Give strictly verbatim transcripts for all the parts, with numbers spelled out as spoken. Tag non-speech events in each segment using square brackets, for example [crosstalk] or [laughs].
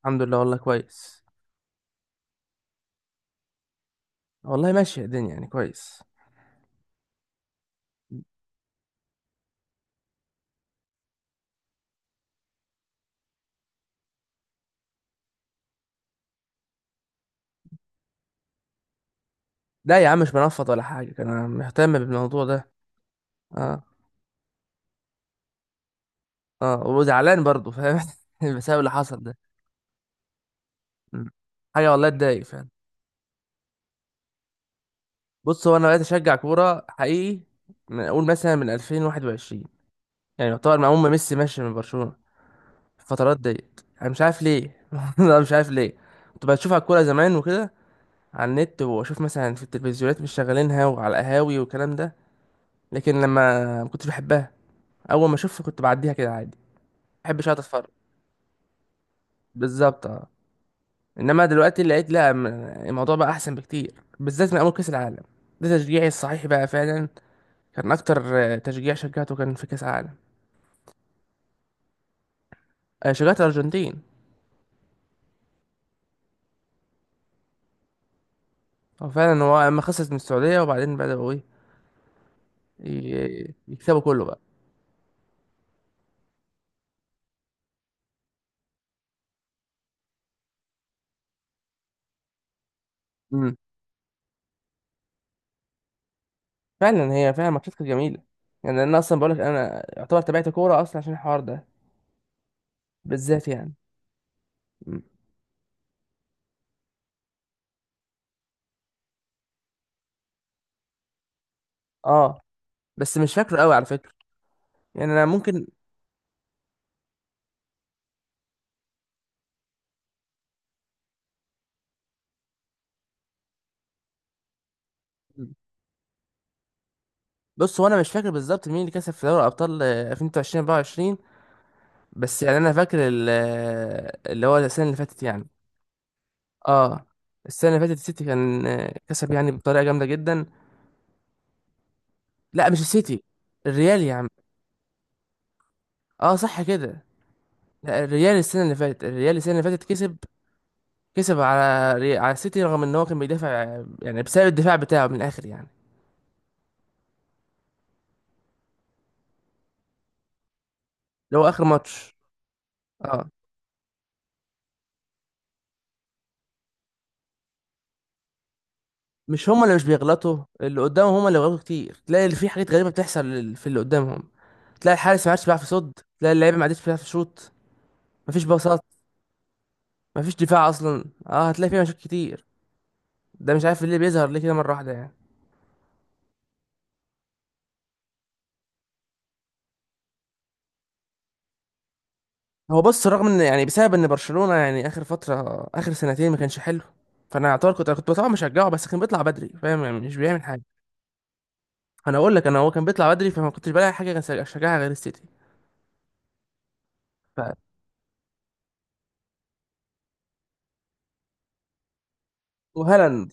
الحمد لله، والله كويس. والله ماشية الدنيا يعني كويس. لا يا عم، مش بنفض ولا حاجة، كان انا مهتم بالموضوع ده. اه. اه وزعلان برضه، فاهم. [laughs] بسبب اللي حصل ده. م. حاجة والله تضايق فعلا. بص، هو انا بقيت اشجع كورة حقيقي من اقول مثلا من ألفين وواحد وعشرين، يعني يعتبر مع أم ميسي ماشي من برشلونة. الفترات ديت انا مش عارف ليه. [laughs] انا مش عارف ليه كنت بشوف على الكورة زمان وكده، على النت واشوف مثلا في التلفزيونات مش شغالينها وعلى القهاوي والكلام ده. لكن لما ما كنتش بحبها، اول ما اشوفها كنت بعديها كده عادي. ما بحبش اقعد اتفرج. بالظبط، اه. انما دلوقتي لقيت لا م- الموضوع بقى احسن بكتير، بالذات من اول كاس العالم. ده تشجيعي الصحيح بقى فعلا. كان اكتر. آه، تشجيع شجعته كان في كاس العالم. آه، شجعت الارجنتين. هو فعلا هو اما خسرت من السعوديه وبعدين بداوا ايه، ي- يكسبوا كله بقى. امم، فعلا، هي فعلا ماتشات كانت جميله. يعني انا اصلا بقولك انا يعتبر تابعت كوره اصلا عشان الحوار ده، بالذات يعني. مم. اه. بس مش فاكره قوي على فكره. يعني انا ممكن. بص، هو انا مش فاكر بالظبط مين اللي كسب في دوري ابطال ألفين وثلاثة وعشرين أربعة وعشرين. بس يعني انا فاكر ال- آه، اللي هو السنه اللي فاتت يعني. اه، السنه اللي فاتت السيتي كان آه، كسب يعني بطريقه جامده جدا. لا، مش السيتي، الريال يا عم. اه صح كده. لا، الريال السنه اللي فاتت، الريال السنه اللي فاتت كسب، كسب على ري- على السيتي، رغم ان هو كان بيدافع، آه، يعني بسبب الدفاع بتاعه من الاخر يعني، اللي هو اخر ماتش. اه، مش هما اللي مش بيغلطوا، اللي قدامهم هما اللي بيغلطوا كتير. تلاقي اللي في حاجات غريبه بتحصل لل- في اللي قدامهم. تلاقي الحارس ما عادش بيعرف يصد، تلاقي اللعيبه ما عادش بيعرف يشوط، مفيش باصات، مفيش دفاع اصلا. اه، هتلاقي فيه مشاكل كتير. ده مش عارف ليه بيظهر ليه كده مره واحده يعني. هو بص، رغم ان يعني بسبب ان برشلونه يعني اخر فتره اخر سنتين ما كانش حلو، فانا اعتبر كنت كنت طبعا مشجعه، بس كان بيطلع بدري فاهم يعني، مش بيعمل حاجه. انا اقول لك، انا هو كان بيطلع بدري فما كنتش بلاقي حاجه كان اشجعها غير السيتي. ف... وهالاند.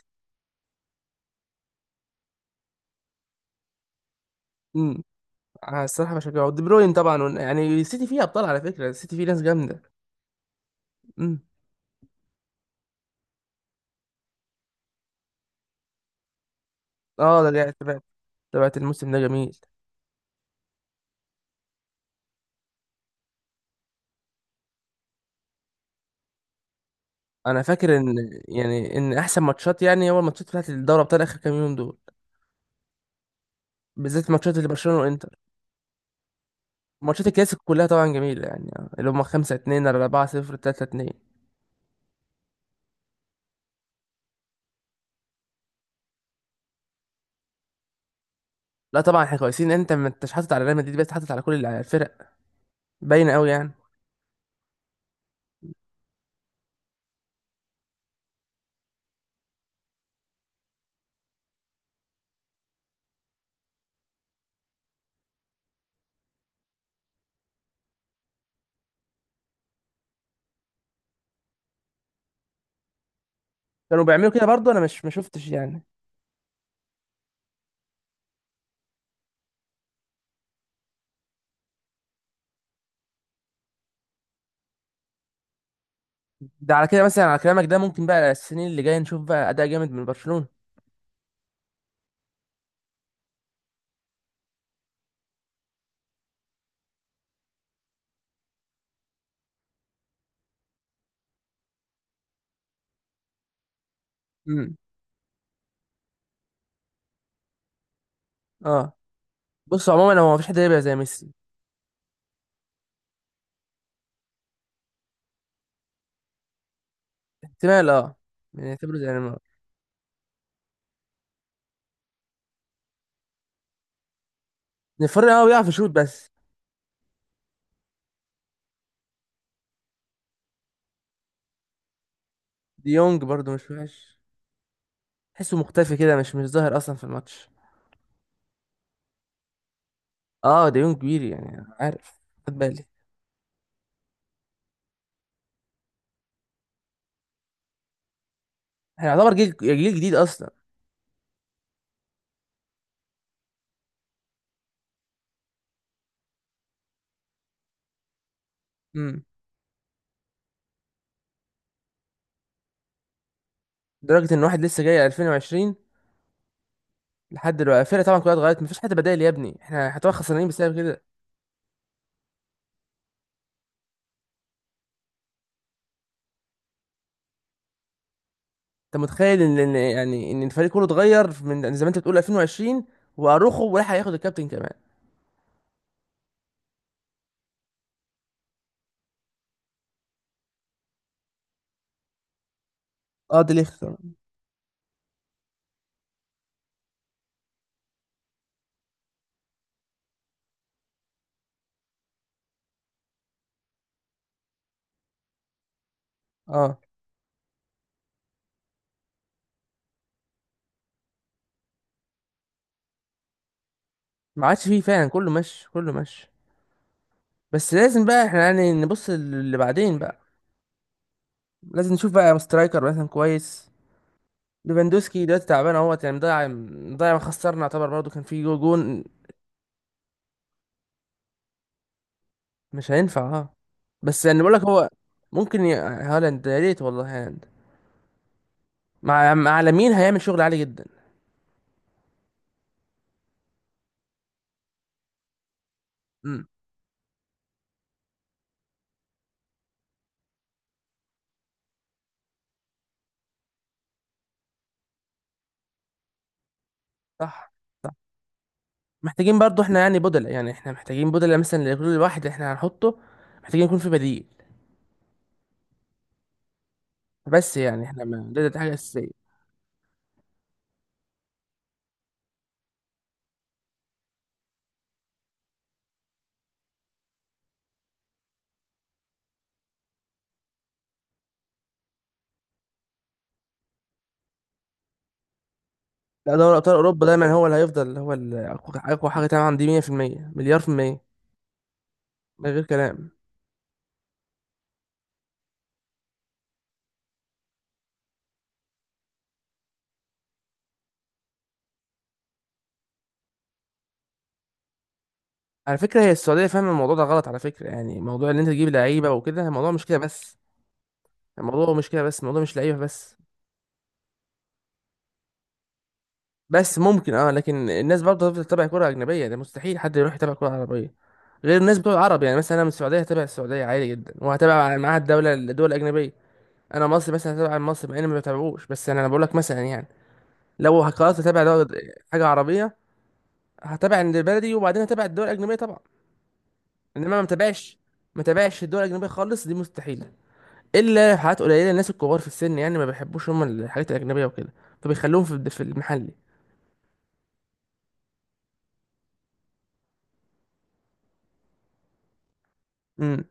امم. آه، الصراحه بشجعه ودي بروين طبعا، ون- يعني السيتي فيه ابطال على فكره، السيتي فيه ناس جامده. امم. اه ده جاي تبعت، تبعت الموسم ده جميل. انا فاكر ان يعني ان احسن ماتشات يعني هو الماتشات بتاعت الدوري بتاع اخر كام يوم دول، بالذات ماتشات اللي برشلونه وانتر، ماتشات الكلاسيكو كلها طبعا جميله يعني، اللي هم خمسة اتنين أربعة صفر ثلاثة اتنين. لا طبعا احنا كويسين، انت ما انتش حاطط على ريال مدريد بس، حاطط على كل الفرق، باينه قوي يعني. كانوا بيعملوا كده برضه، انا مش ما شفتش يعني. ده على كده مثلا، على كلامك ده ممكن بقى السنين اللي جايه نشوف بقى اداء جامد من برشلونه. امم. اه. بص عموما، هو مفيش حد يبقى زي ميسي. احتمال اه. يعني نعتبره زي نيمار. نفرق، هو بيعرف يشوط بس. ديونج برضه مش وحش. تحسه مختفي كده، مش مش ظاهر اصلا في الماتش. اه ديونج كبير يعني، عارف، خد بالي. احنا يعتبر جيل جيل جديد اصلا. امم. لدرجه ان واحد لسه جاي ألفين وعشرين، لحد دلوقتي الفرقه طبعا كلها اتغيرت، مفيش حد بدائل يا ابني، احنا هتبقى خسرانين بسبب كده. انت متخيل ان إن- يعني ان الفريق كله اتغير من زي ما انت بتقول ألفين وعشرين، واروخو ولا هياخد الكابتن كمان. اه، دي ليخت. اه ما عادش فيه فعلا، كله ماشي كله ماشي. بس لازم بقى احنا يعني نبص اللي بعدين بقى، لازم نشوف بقى سترايكر مثلا كويس. ليفاندوسكي دلوقتي تعبان اهوت يعني، مضيع مضيع. ما خسرنا يعتبر برضه، كان في جو- جون. مش هينفع اه. بس يعني بقول لك هو ممكن ي... هالاند، يا ريت والله هالاند مع مع لامين هيعمل شغل عالي جدا. امم صح. محتاجين برضو احنا يعني بدلة، يعني احنا محتاجين بدلة مثلا لكل واحد احنا هنحطه، محتاجين يكون في بديل. بس يعني احنا ما ده, ده حاجة أساسية. لا، دوري أبطال أوروبا دايما هو اللي هيفضل هو ال- أقوى، أقوى حاجة طبعا، دي مية في المية مليار في المية، من غير كلام. على فكرة هي السعودية فاهمة الموضوع ده غلط، على فكرة. يعني موضوع إن أنت تجيب لعيبة وكده، الموضوع مش كده بس، الموضوع مش كده بس، الموضوع مش لعيبة بس. بس ممكن اه، لكن الناس برضه هتفضل تتابع كرة أجنبية. ده مستحيل حد يروح يتابع كرة عربية، غير الناس بتوع العرب. يعني مثلا أنا من السعودية هتابع السعودية عادي جدا، وهتابع معاها الدولة الدول الأجنبية. أنا مصر مثلا هتابع مصر، مع إني ما بتابعوش. بس أنا أنا بقول لك مثلا يعني، لو قررت أتابع دول- حاجة عربية، هتابع اللي بلدي وبعدين هتابع الدول الأجنبية طبعا. إنما ما متابعش، ما متابعش الدول الأجنبية خالص، دي مستحيلة. إلا حالات قليلة، الناس الكبار في السن يعني ما بيحبوش هم الحاجات الأجنبية وكده، فبيخلوهم في في المحلي. امم.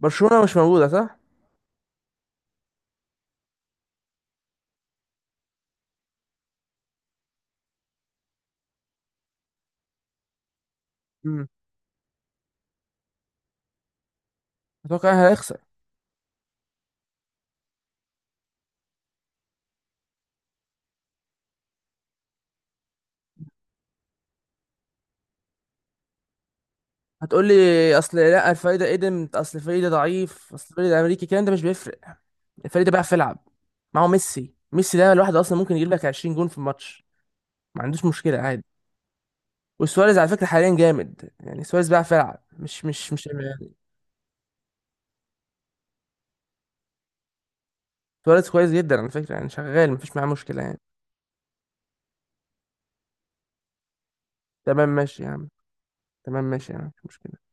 برشلونة مش موجودة، صح؟ اتوقع انا هيخسر. هتقول لي اصل لا، الفريق ده قدم، اصل الفريق ده ضعيف، اصل الفريق ده امريكي، الكلام ده مش بيفرق. الفريق ده بيعرف يلعب، معه ميسي. ميسي ده الواحد اصلا ممكن يجيب لك عشرين جون في الماتش، ما عندوش مشكله عادي. وسواريز على فكره حاليا جامد يعني، سواريز بيعرف يلعب، مش مش مش يعني. سواريز كويس جدا على فكره يعني، شغال مفيش معاه مشكله يعني. تمام ماشي يا عم. تمام ماشي يا عم، مش مشكله.